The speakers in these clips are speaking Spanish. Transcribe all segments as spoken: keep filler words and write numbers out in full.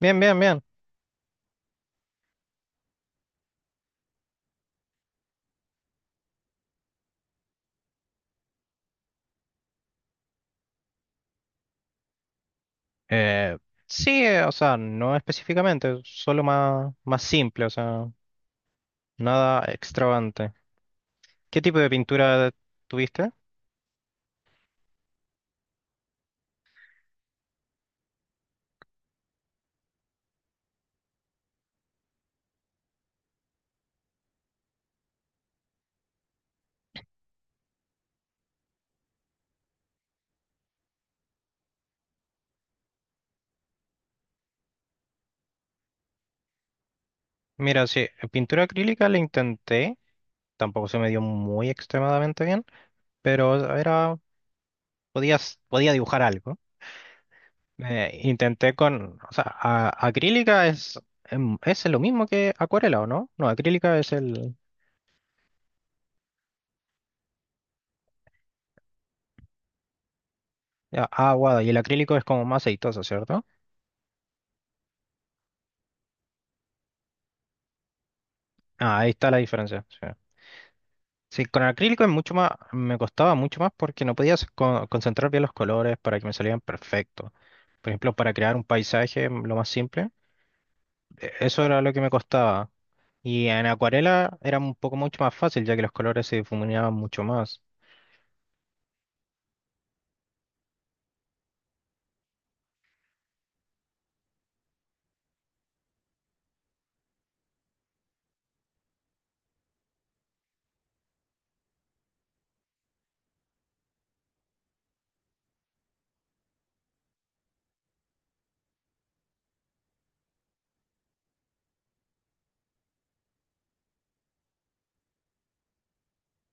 Bien, bien, bien. Eh, sí, eh, o sea, no específicamente, solo más, más simple, o sea, nada extravagante. ¿Qué tipo de pintura tuviste? Mira, sí, pintura acrílica la intenté, tampoco se me dio muy extremadamente bien, pero era, podías, podía dibujar algo. Eh, intenté con, o sea, a- acrílica es, em, es lo mismo que acuarela, ¿o no? No, acrílica es el a- agua y el acrílico es como más aceitoso, ¿cierto? Ah, ahí está la diferencia. Sí. Sí, con el acrílico es mucho más, me costaba mucho más porque no podía co- concentrar bien los colores para que me salieran perfectos. Por ejemplo, para crear un paisaje, mm, lo más simple, e- eso era lo que me costaba. Y en acuarela era un poco mucho más fácil, ya que los colores se difuminaban mucho más.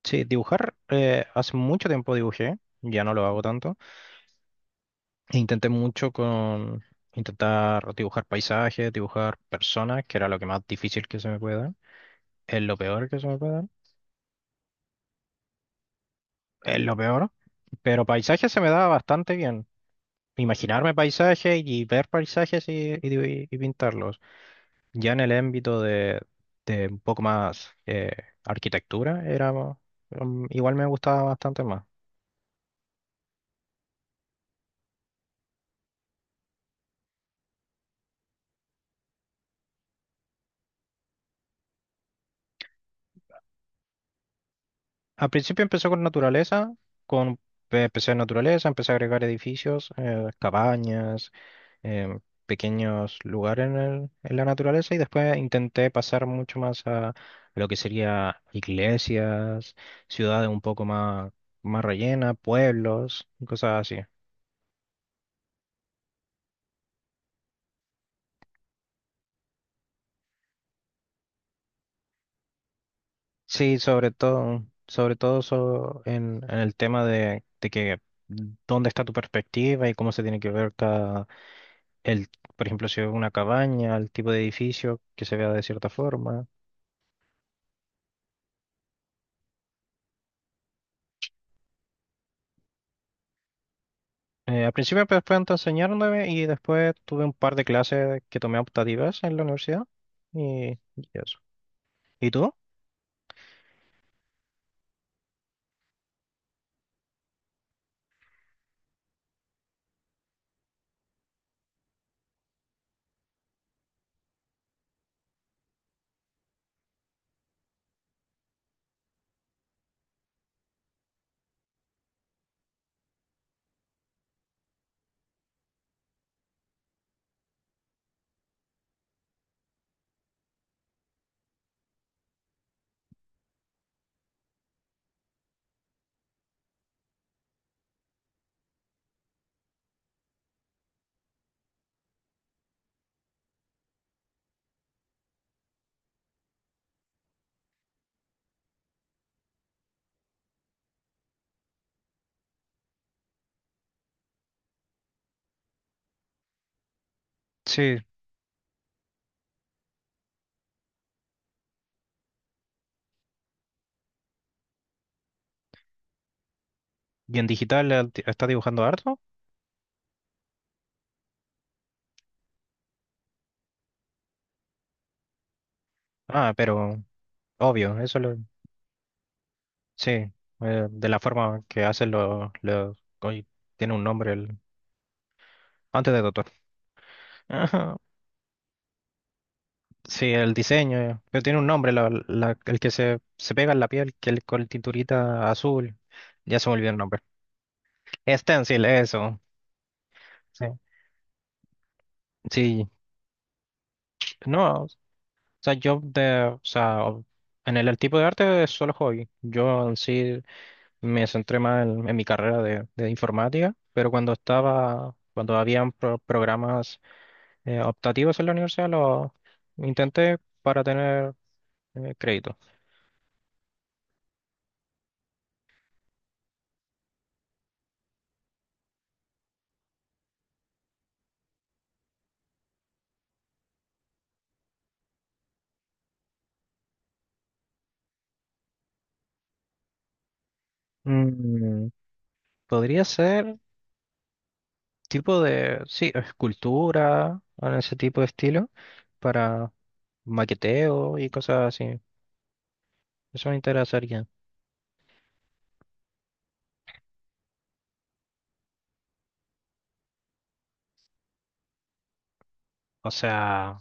Sí, dibujar, eh, hace mucho tiempo dibujé, ya no lo hago tanto. E intenté mucho con intentar dibujar paisajes, dibujar personas, que era lo que más difícil que se me pueda. Es lo peor que se me puede dar. Es lo peor. Pero paisaje se me daba bastante bien. Imaginarme paisajes y ver paisajes y, y- y pintarlos. Ya en el ámbito de, de un poco más eh, arquitectura, era, um, igual me gustaba bastante más. Al principio empezó con naturaleza, con, empecé en naturaleza, empecé a agregar edificios, eh, cabañas, eh, pequeños lugares en, el- en la naturaleza y después intenté pasar mucho más a lo que sería iglesias, ciudades un poco más, más rellenas, pueblos, y cosas así. Sí, sobre todo, sobre todo so- en, en, el tema de, de que dónde está tu perspectiva y cómo se tiene que ver cada, el, por ejemplo, si es una cabaña, el tipo de edificio que se vea de cierta forma. Eh, al principio pues, fue entonces enseñándome y después tuve un par de clases que tomé optativas en la universidad y, y eso. ¿Y tú? Sí. ¿Y en digital eh, ti- estás dibujando harto? Ah, pero obvio, eso lo. Sí, eh, de la forma que hacen los... los- hoy tiene un nombre el. Antes de Totó. Ajá. Sí, el diseño, eh, pero tiene un nombre, la- la- el que se, se pega en la piel, que el, con el tinturita azul, ya se me olvidó el nombre. Stencil, eso. Sí. Sí, no. O sea, yo de, o sea, o- en el, el tipo de arte es solo hobby. Yo en sí me centré más en, en mi carrera de, de informática, pero cuando estaba, cuando habían pro- programas eh, optativos en la universidad, lo intenté para tener eh, crédito. Mm, Podría ser tipo de, sí, escultura, o ese tipo de estilo, para maqueteo y cosas así. Eso me interesaría. O sea,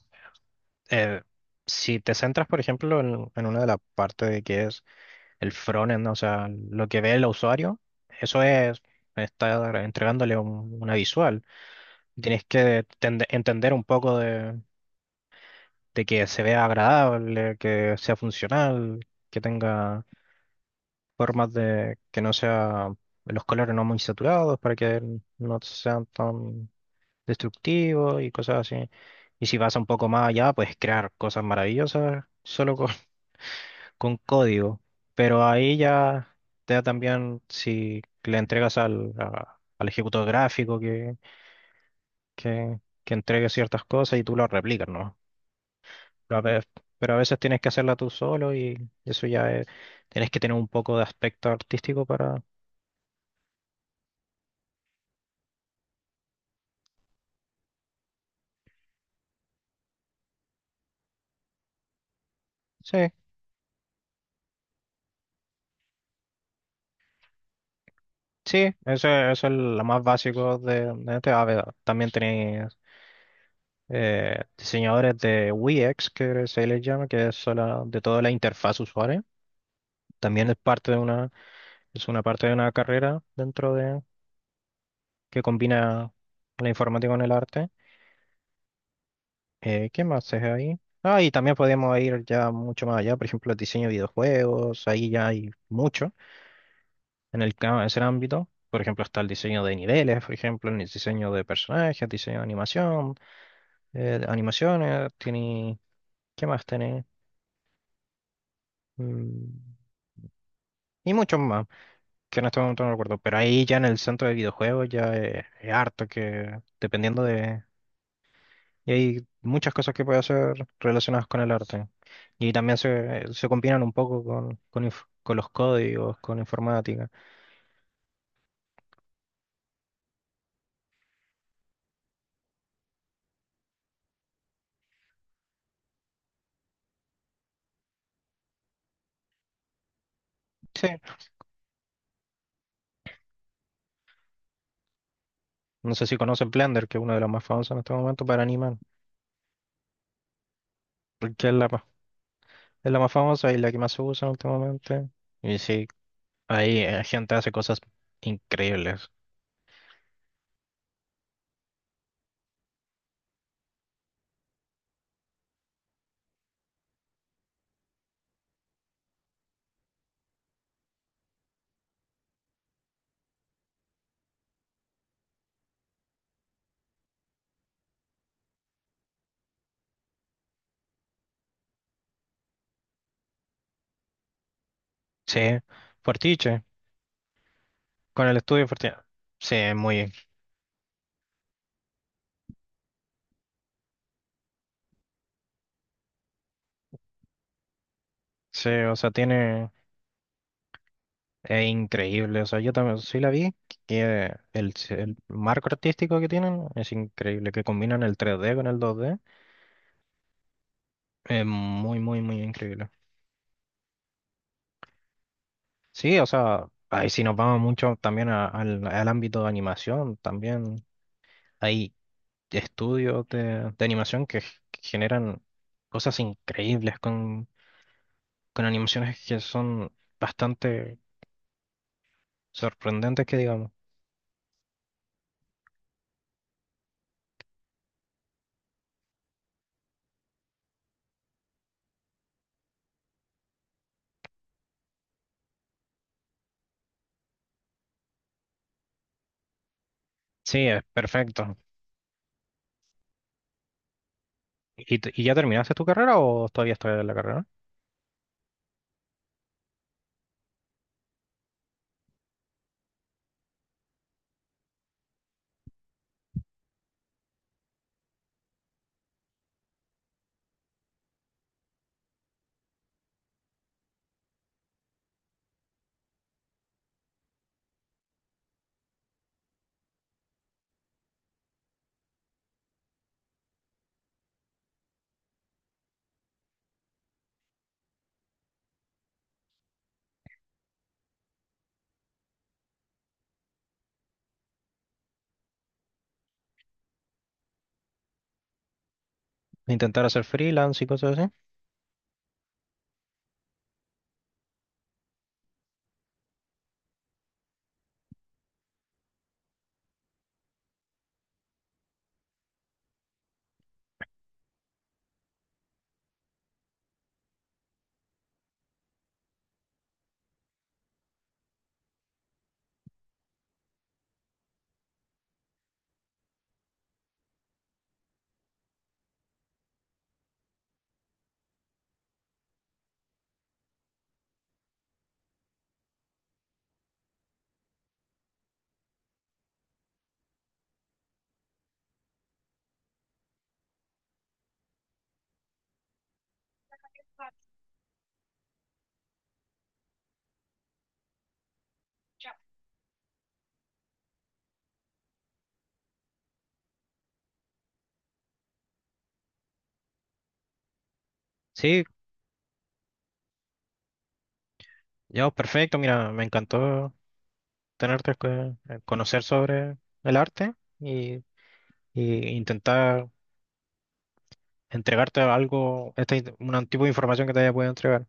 eh, si te centras, por ejemplo, en, en una de las partes de que es el frontend, ¿no? O sea, lo que ve el usuario, eso es estar entregándole un- una visual. Tienes que tende- entender un poco de, de que se vea agradable, que sea funcional, que tenga formas de que no sea los colores no muy saturados para que no sean tan destructivos y cosas así. Y si vas un poco más allá, puedes crear cosas maravillosas solo con con código, pero ahí ya te da también si le entregas al, a- al ejecutor gráfico que, que, que entregue ciertas cosas y tú lo replicas, ¿no? Pero a veces, pero a veces tienes que hacerla tú solo y eso ya es- tienes que tener un poco de aspecto artístico para. Sí, sí, eso, es- eso es lo más básico de, de este. A ver, también tenés, eh, diseñadores de U X que se les llama, que es sola- de toda la interfaz usuario. También es parte de una Es una parte de una carrera dentro de que combina la informática con el arte. Eh, ¿qué más es ahí? Ah, y también podemos ir ya mucho más allá, por ejemplo, el diseño de videojuegos, ahí ya hay mucho en el ca- ese ámbito. Por ejemplo, está el diseño de niveles, por ejemplo, el diseño de personajes, diseño de animación, eh, animaciones, tiene, ¿qué más tiene? Mm, y muchos más, que en este momento no recuerdo, pero ahí ya en el centro de videojuegos ya es, es harto que dependiendo. Y hay muchas cosas que puede hacer relacionadas con el arte. Y también se, se combinan un poco con, con, inf- con los códigos, con informática. Sí, no sé si conocen Blender, que es una de las más famosas en este momento para animar, porque es la, ma- es la más famosa y la que más se usa en este momento. Y sí, ahí eh, gente hace cosas increíbles. Sí, Fortiche, con el estudio Fortiche. Sí, muy. Sí, o sea, tiene. Es increíble, o sea, yo también sí la vi, que el, el marco artístico que tienen es increíble, que combinan el tres D con el dos D, es muy, muy, muy increíble. Sí, o sea, ahí si nos vamos mucho también a- al, al ámbito de animación, también hay estudios de, de animación que g- generan cosas increíbles con, con animaciones que son bastante sorprendentes, que digamos. Sí, es perfecto. ¿Y, t- y ya terminaste tu carrera o todavía estás en la carrera? Intentar hacer freelance y cosas así. Sí, ya, pues, perfecto. Mira, me encantó tenerte, que- eh, conocer sobre el arte y, y intentar entregarte algo, este, un tipo de información que te haya podido entregar.